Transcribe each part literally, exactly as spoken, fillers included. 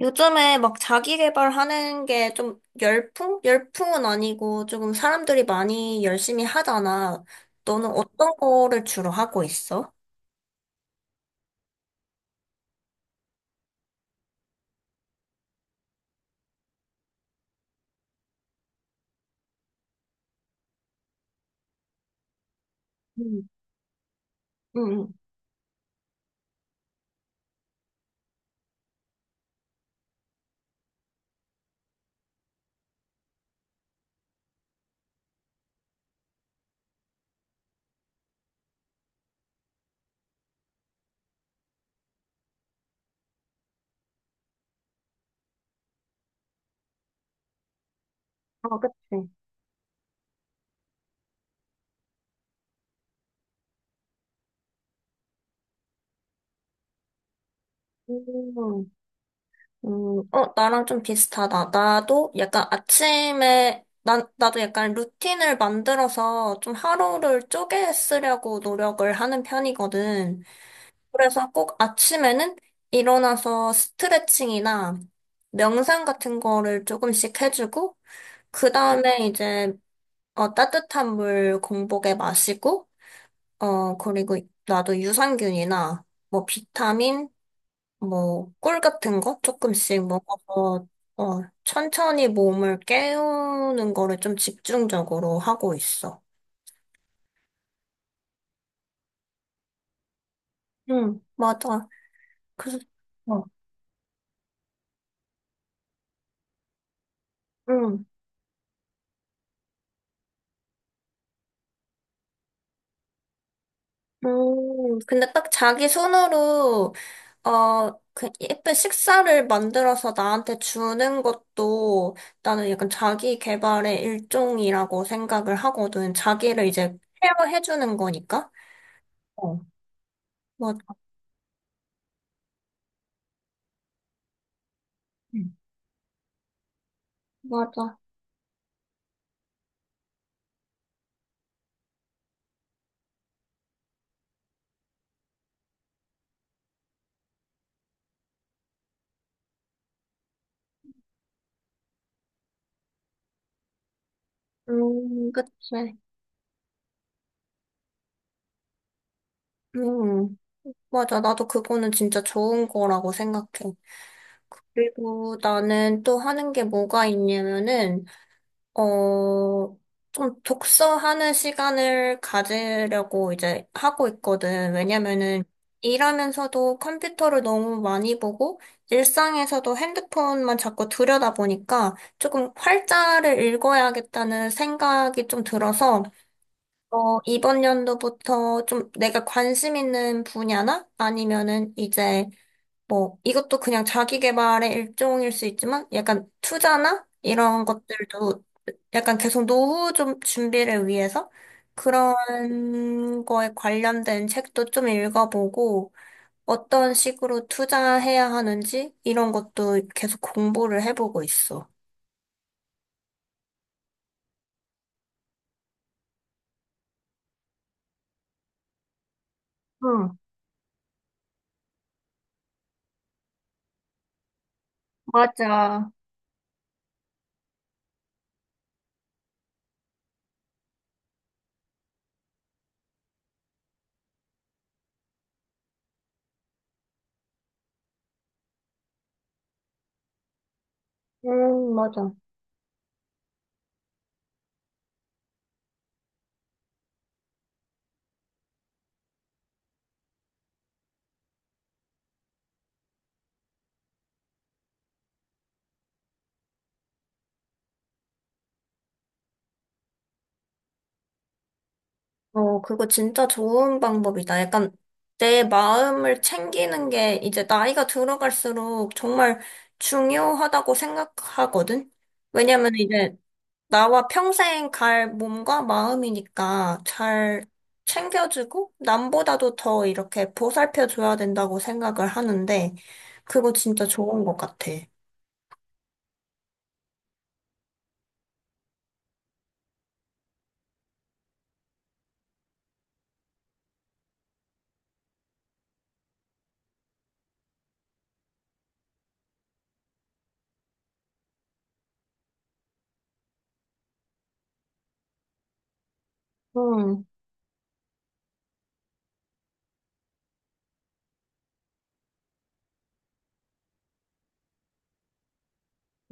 요즘에 막 자기 개발하는 게 좀 열풍? 열풍은 아니고 조금 사람들이 많이 열심히 하잖아. 너는 어떤 거를 주로 하고 있어? 음, 응, 응. 어, 그치. 음, 음, 어, 나랑 좀 비슷하다. 나도 약간 아침에, 난, 나도 약간 루틴을 만들어서 좀 하루를 쪼개 쓰려고 노력을 하는 편이거든. 그래서 꼭 아침에는 일어나서 스트레칭이나 명상 같은 거를 조금씩 해주고, 그 다음에 이제, 어, 따뜻한 물 공복에 마시고, 어, 그리고 나도 유산균이나, 뭐, 비타민, 뭐, 꿀 같은 거 조금씩 먹어서, 어, 천천히 몸을 깨우는 거를 좀 집중적으로 하고 있어. 응, 맞아. 그래서, 어, 응. 음, 근데 딱 자기 손으로, 어, 그 예쁜 식사를 만들어서 나한테 주는 것도 나는 약간 자기 개발의 일종이라고 생각을 하거든. 자기를 이제 케어해주는 거니까. 어. 맞아, 음. 맞아. 음, 그치. 음, 맞아. 나도 그거는 진짜 좋은 거라고 생각해. 그리고 나는 또 하는 게 뭐가 있냐면은, 어, 좀 독서하는 시간을 가지려고 이제 하고 있거든. 왜냐면은 일하면서도 컴퓨터를 너무 많이 보고 일상에서도 핸드폰만 자꾸 들여다보니까 조금 활자를 읽어야겠다는 생각이 좀 들어서 어, 이번 연도부터 좀 내가 관심 있는 분야나 아니면은 이제 뭐 이것도 그냥 자기 개발의 일종일 수 있지만 약간 투자나 이런 것들도 약간 계속 노후 좀 준비를 위해서 그런 거에 관련된 책도 좀 읽어보고 어떤 식으로 투자해야 하는지 이런 것도 계속 공부를 해보고 있어. 응, 맞아. 음, 맞아. 어, 그거 진짜 좋은 방법이다. 약간 내 마음을 챙기는 게 이제 나이가 들어갈수록 정말 중요하다고 생각하거든? 왜냐면 이제 나와 평생 갈 몸과 마음이니까 잘 챙겨주고 남보다도 더 이렇게 보살펴줘야 된다고 생각을 하는데 그거 진짜 좋은 것 같아. 응,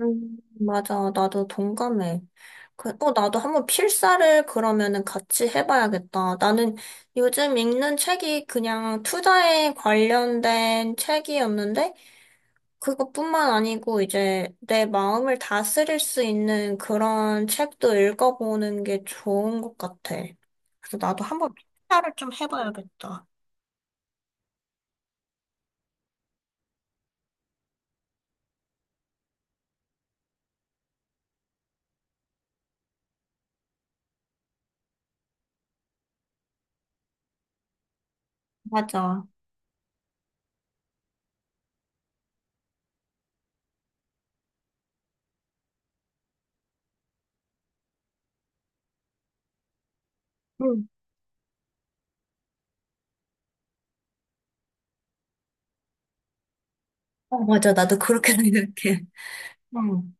응, 맞아. 나도 동감해. 그, 어, 나도 한번 필사를 그러면은 같이 해봐야겠다. 나는 요즘 읽는 책이 그냥 투자에 관련된 책이었는데 그것뿐만 아니고 이제 내 마음을 다스릴 수 있는 그런 책도 읽어보는 게 좋은 것 같아. 그래서 나도 한번 필사를 좀 해봐야겠다. 맞아. 응, 어, 맞아. 나도 그렇게 생각해. 응.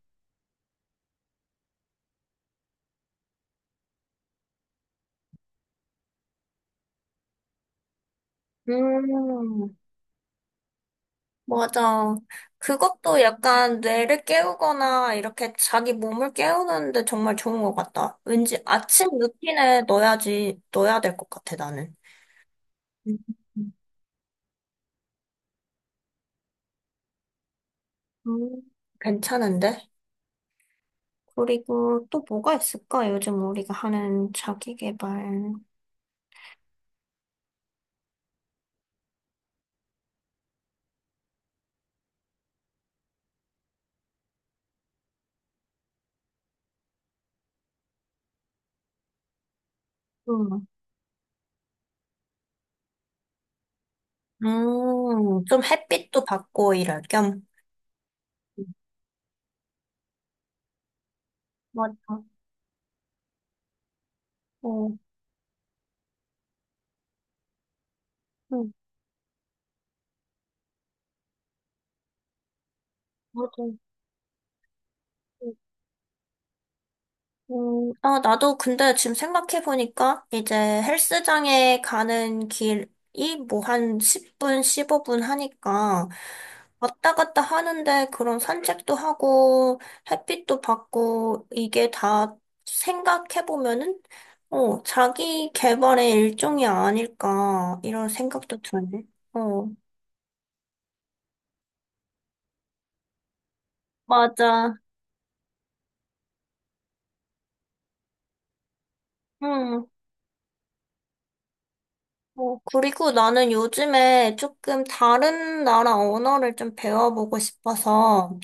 음, 맞아. 그것도 약간 뇌를 깨우거나 이렇게 자기 몸을 깨우는데 정말 좋은 것 같다. 왠지 아침 루틴에 넣어야지, 넣어야 될 것 같아, 나는. 음. 음, 괜찮은데? 그리고 또 뭐가 있을까? 요즘 우리가 하는 자기 개발. 음, 음, 좀 햇빛도 받고 이럴 겸. 맞아. 어, 응, 맞아. 음, 아, 나도 근데 지금 생각해보니까 이제 헬스장에 가는 길이 뭐 한 십 분, 십오 분 하니까 왔다 갔다 하는데 그런 산책도 하고 햇빛도 받고 이게 다 생각해보면은 어, 자기 개발의 일종이 아닐까 이런 생각도 드네. 어, 맞아. 음. 어, 그리고 나는 요즘에 조금 다른 나라 언어를 좀 배워보고 싶어서,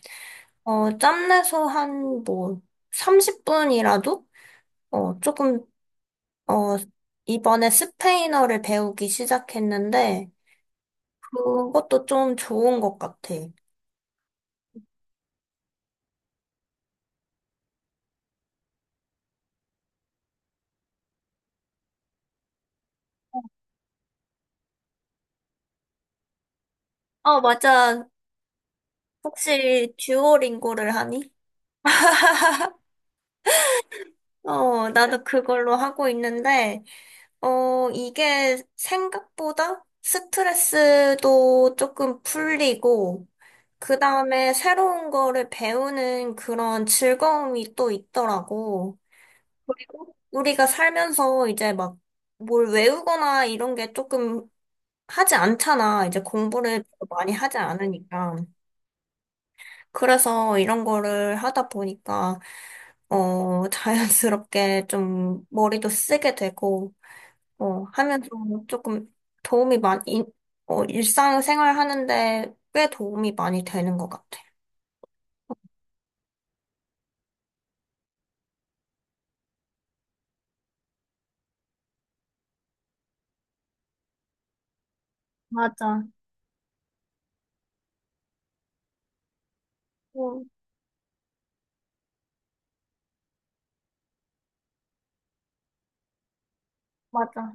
어, 짬내서 한 뭐, 삼십 분이라도? 어, 조금, 어, 이번에 스페인어를 배우기 시작했는데, 그것도 좀 좋은 것 같아. 어, 맞아. 혹시 듀오링고를 하니? 어, 나도 그걸로 하고 있는데, 어, 이게 생각보다 스트레스도 조금 풀리고, 그 다음에 새로운 거를 배우는 그런 즐거움이 또 있더라고. 그리고 우리가 살면서 이제 막 뭘 외우거나 이런 게 조금 하지 않잖아. 이제 공부를 많이 하지 않으니까. 그래서 이런 거를 하다 보니까, 어, 자연스럽게 좀 머리도 쓰게 되고, 어, 하면 좀 조금 도움이 많이, 어, 일상생활 하는데 꽤 도움이 많이 되는 것 같아. 맞아. 응, 맞아.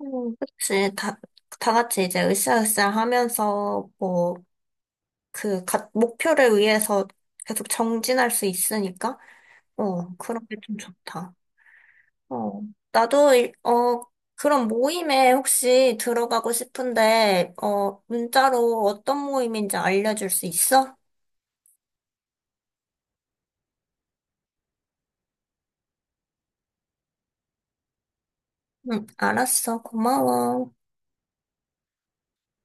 음, 그치. 다, 다 같이 이제 으쌰으쌰 하면서, 뭐, 그, 가, 목표를 위해서 계속 정진할 수 있으니까, 어, 그런 게 좀 좋다. 어, 나도, 일- 어, 그런 모임에 혹시 들어가고 싶은데, 어, 문자로 어떤 모임인지 알려줄 수 있어? 응, 알았어. 고마워.